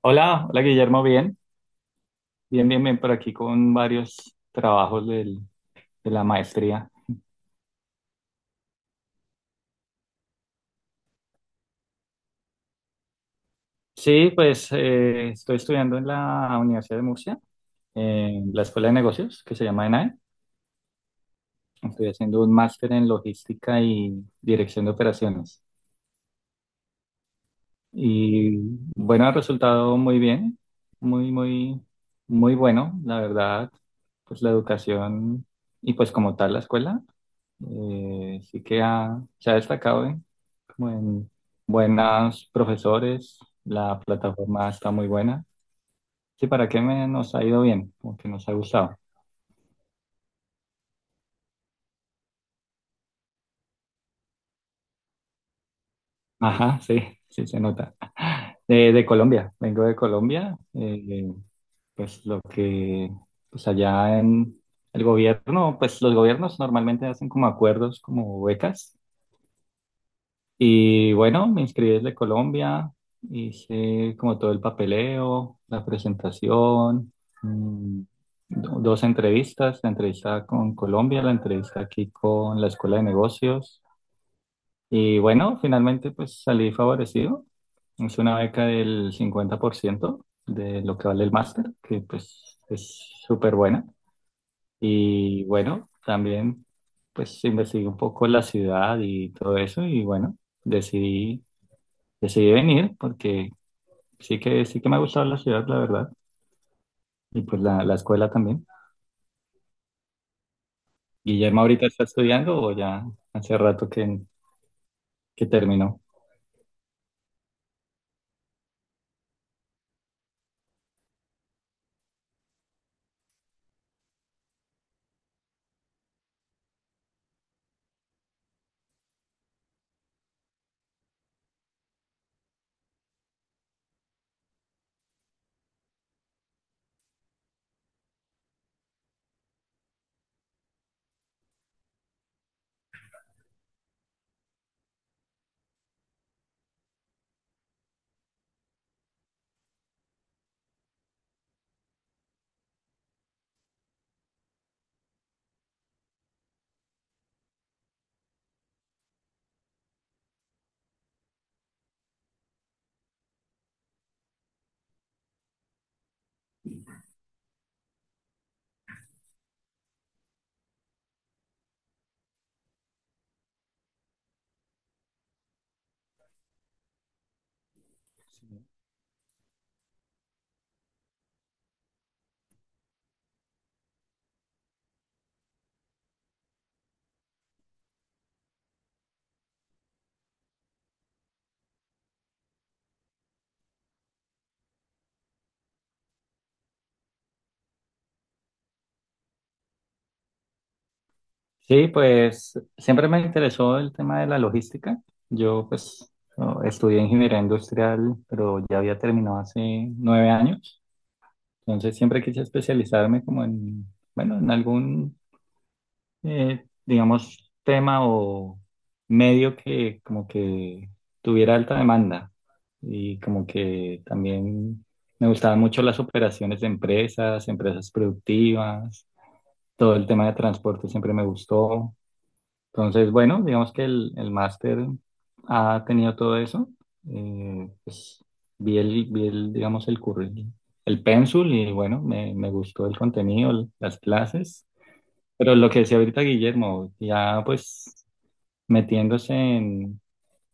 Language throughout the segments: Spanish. Hola, hola Guillermo, bien, bien, bien, bien por aquí con varios trabajos de la maestría. Sí, pues estoy estudiando en la Universidad de Murcia, en la Escuela de Negocios, que se llama ENAE. Estoy haciendo un máster en logística y dirección de operaciones. Y bueno, ha resultado muy bien, muy, muy, muy bueno, la verdad, pues la educación y pues como tal la escuela. Sí que se ha destacado en, como en buenos profesores, la plataforma está muy buena. Sí, ¿para qué me, nos ha ido bien? Como que nos ha gustado. Ajá, sí, sí se nota. De Colombia, vengo de Colombia. Pues pues allá en el gobierno, pues los gobiernos normalmente hacen como acuerdos, como becas. Y bueno, me inscribí desde Colombia, hice como todo el papeleo, la presentación, mm, dos entrevistas, la entrevista con Colombia, la entrevista aquí con la Escuela de Negocios. Y bueno, finalmente pues salí favorecido. Es una beca del 50% de lo que vale el máster, que pues es súper buena. Y bueno, también pues investigué un poco la ciudad y todo eso y bueno, decidí venir porque sí que me ha gustado la ciudad, la verdad, y pues la escuela también. ¿Guillermo ahorita está estudiando o ya hace rato que, terminó? Sí, pues siempre me interesó el tema de la logística. Yo pues no, estudié ingeniería industrial, pero ya había terminado hace 9 años. Entonces siempre quise especializarme como en, bueno, en algún digamos, tema o medio que como que tuviera alta demanda y como que también me gustaban mucho las operaciones de empresas, empresas productivas, todo el tema de transporte siempre me gustó. Entonces, bueno, digamos que el máster ha tenido todo eso. Pues vi el, digamos, el currículum, el pénsul y bueno, me gustó el contenido, las clases. Pero lo que decía ahorita Guillermo, ya pues metiéndose en,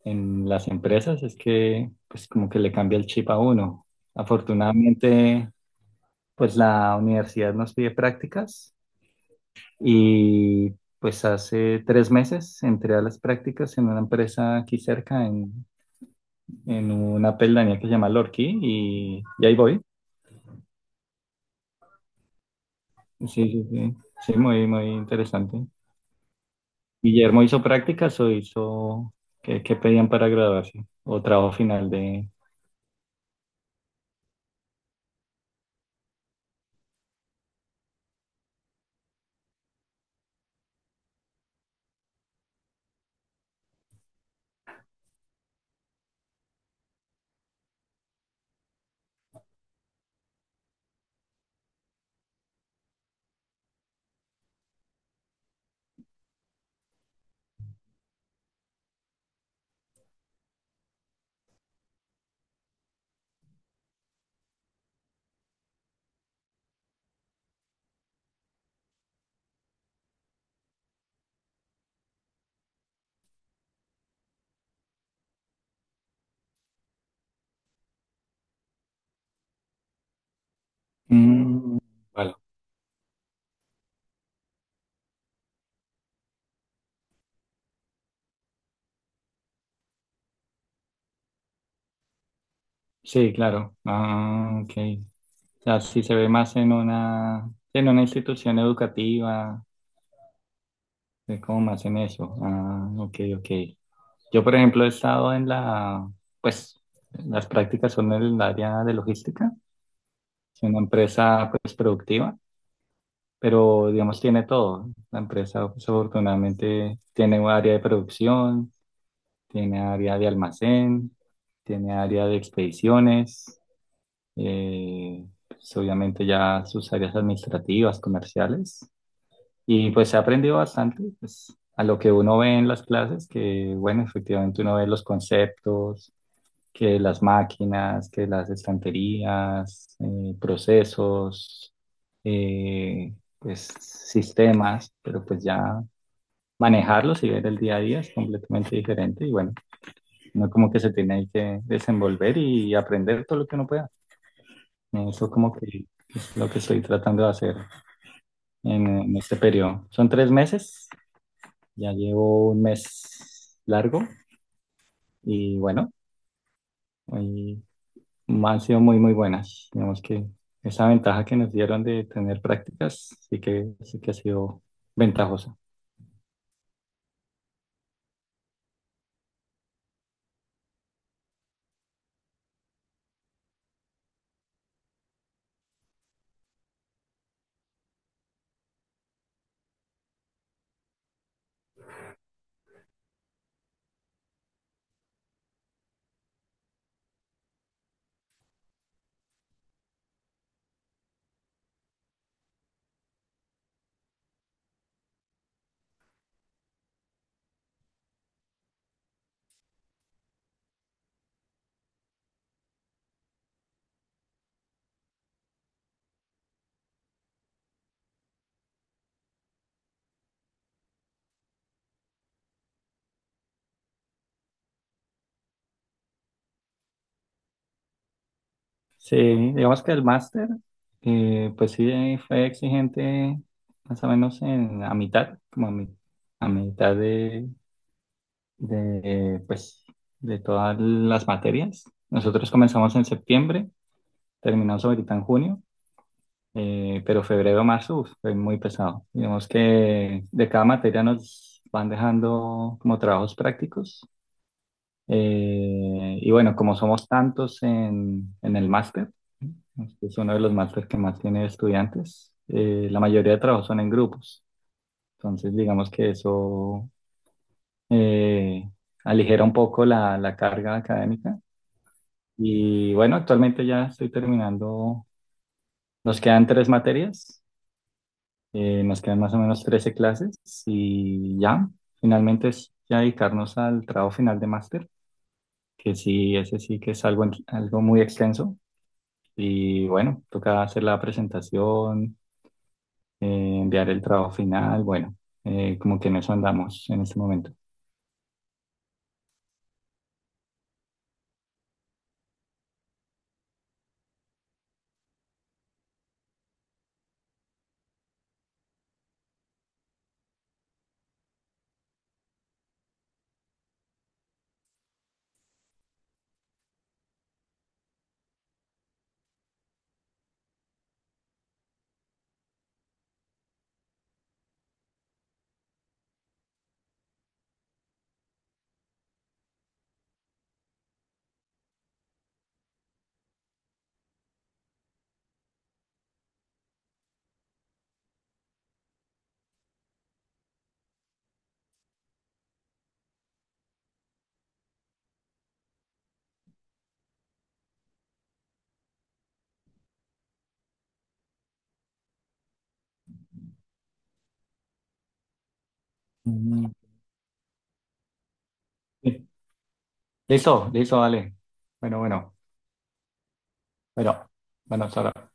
en las empresas es que pues como que le cambia el chip a uno. Afortunadamente pues la universidad nos pide prácticas y pues hace 3 meses entré a las prácticas en una empresa aquí cerca, en una pedanía que se llama Lorquí y ahí voy. Sí, sí, sí, sí, muy, muy interesante. Guillermo hizo prácticas o hizo qué, pedían para graduarse o trabajo final de. Mm, vale. Sí, claro. Ah, ok. O sea, sí se ve más en una institución educativa, es como más en eso. Ah, ok, ok. Yo, por ejemplo, he estado en la, pues, las prácticas son en el área de logística, es una empresa pues productiva, pero digamos tiene todo. La empresa, pues, afortunadamente, tiene un área de producción, tiene área de almacén, tiene área de expediciones, pues, obviamente ya sus áreas administrativas, comerciales. Y pues se ha aprendido bastante, pues, a lo que uno ve en las clases, que bueno, efectivamente uno ve los conceptos, que las máquinas, que las estanterías, procesos, pues sistemas, pero pues ya manejarlos y ver el día a día es completamente diferente y bueno, no como que se tiene ahí que desenvolver y aprender todo lo que uno pueda. Eso como que es lo que estoy tratando de hacer en, este periodo. Son tres meses, ya llevo un mes largo y bueno, hoy han sido muy, muy buenas. Digamos que esa ventaja que nos dieron de tener prácticas sí que ha sido ventajosa. Sí, digamos que el máster, pues sí fue exigente más o menos en, a mitad, como a, a mitad de, pues, de todas las materias. Nosotros comenzamos en septiembre, terminamos ahorita en junio, pero febrero, marzo, uf, fue muy pesado. Digamos que de cada materia nos van dejando como trabajos prácticos. Y bueno, como somos tantos en el máster, este es uno de los másteres que más tiene estudiantes, la mayoría de trabajos son en grupos. Entonces, digamos que eso eh, aligera un poco la carga académica. Y bueno, actualmente ya estoy terminando. Nos quedan tres materias, nos quedan más o menos 13 clases y ya, finalmente es ya dedicarnos al trabajo final de máster, que sí, ese sí que es algo, algo muy extenso. Y bueno, toca hacer la presentación, enviar el trabajo final, bueno, como que en eso andamos en este momento. Mm, sí. Listo, listo, vale. Bueno, bueno, bueno, bueno, hasta ahora.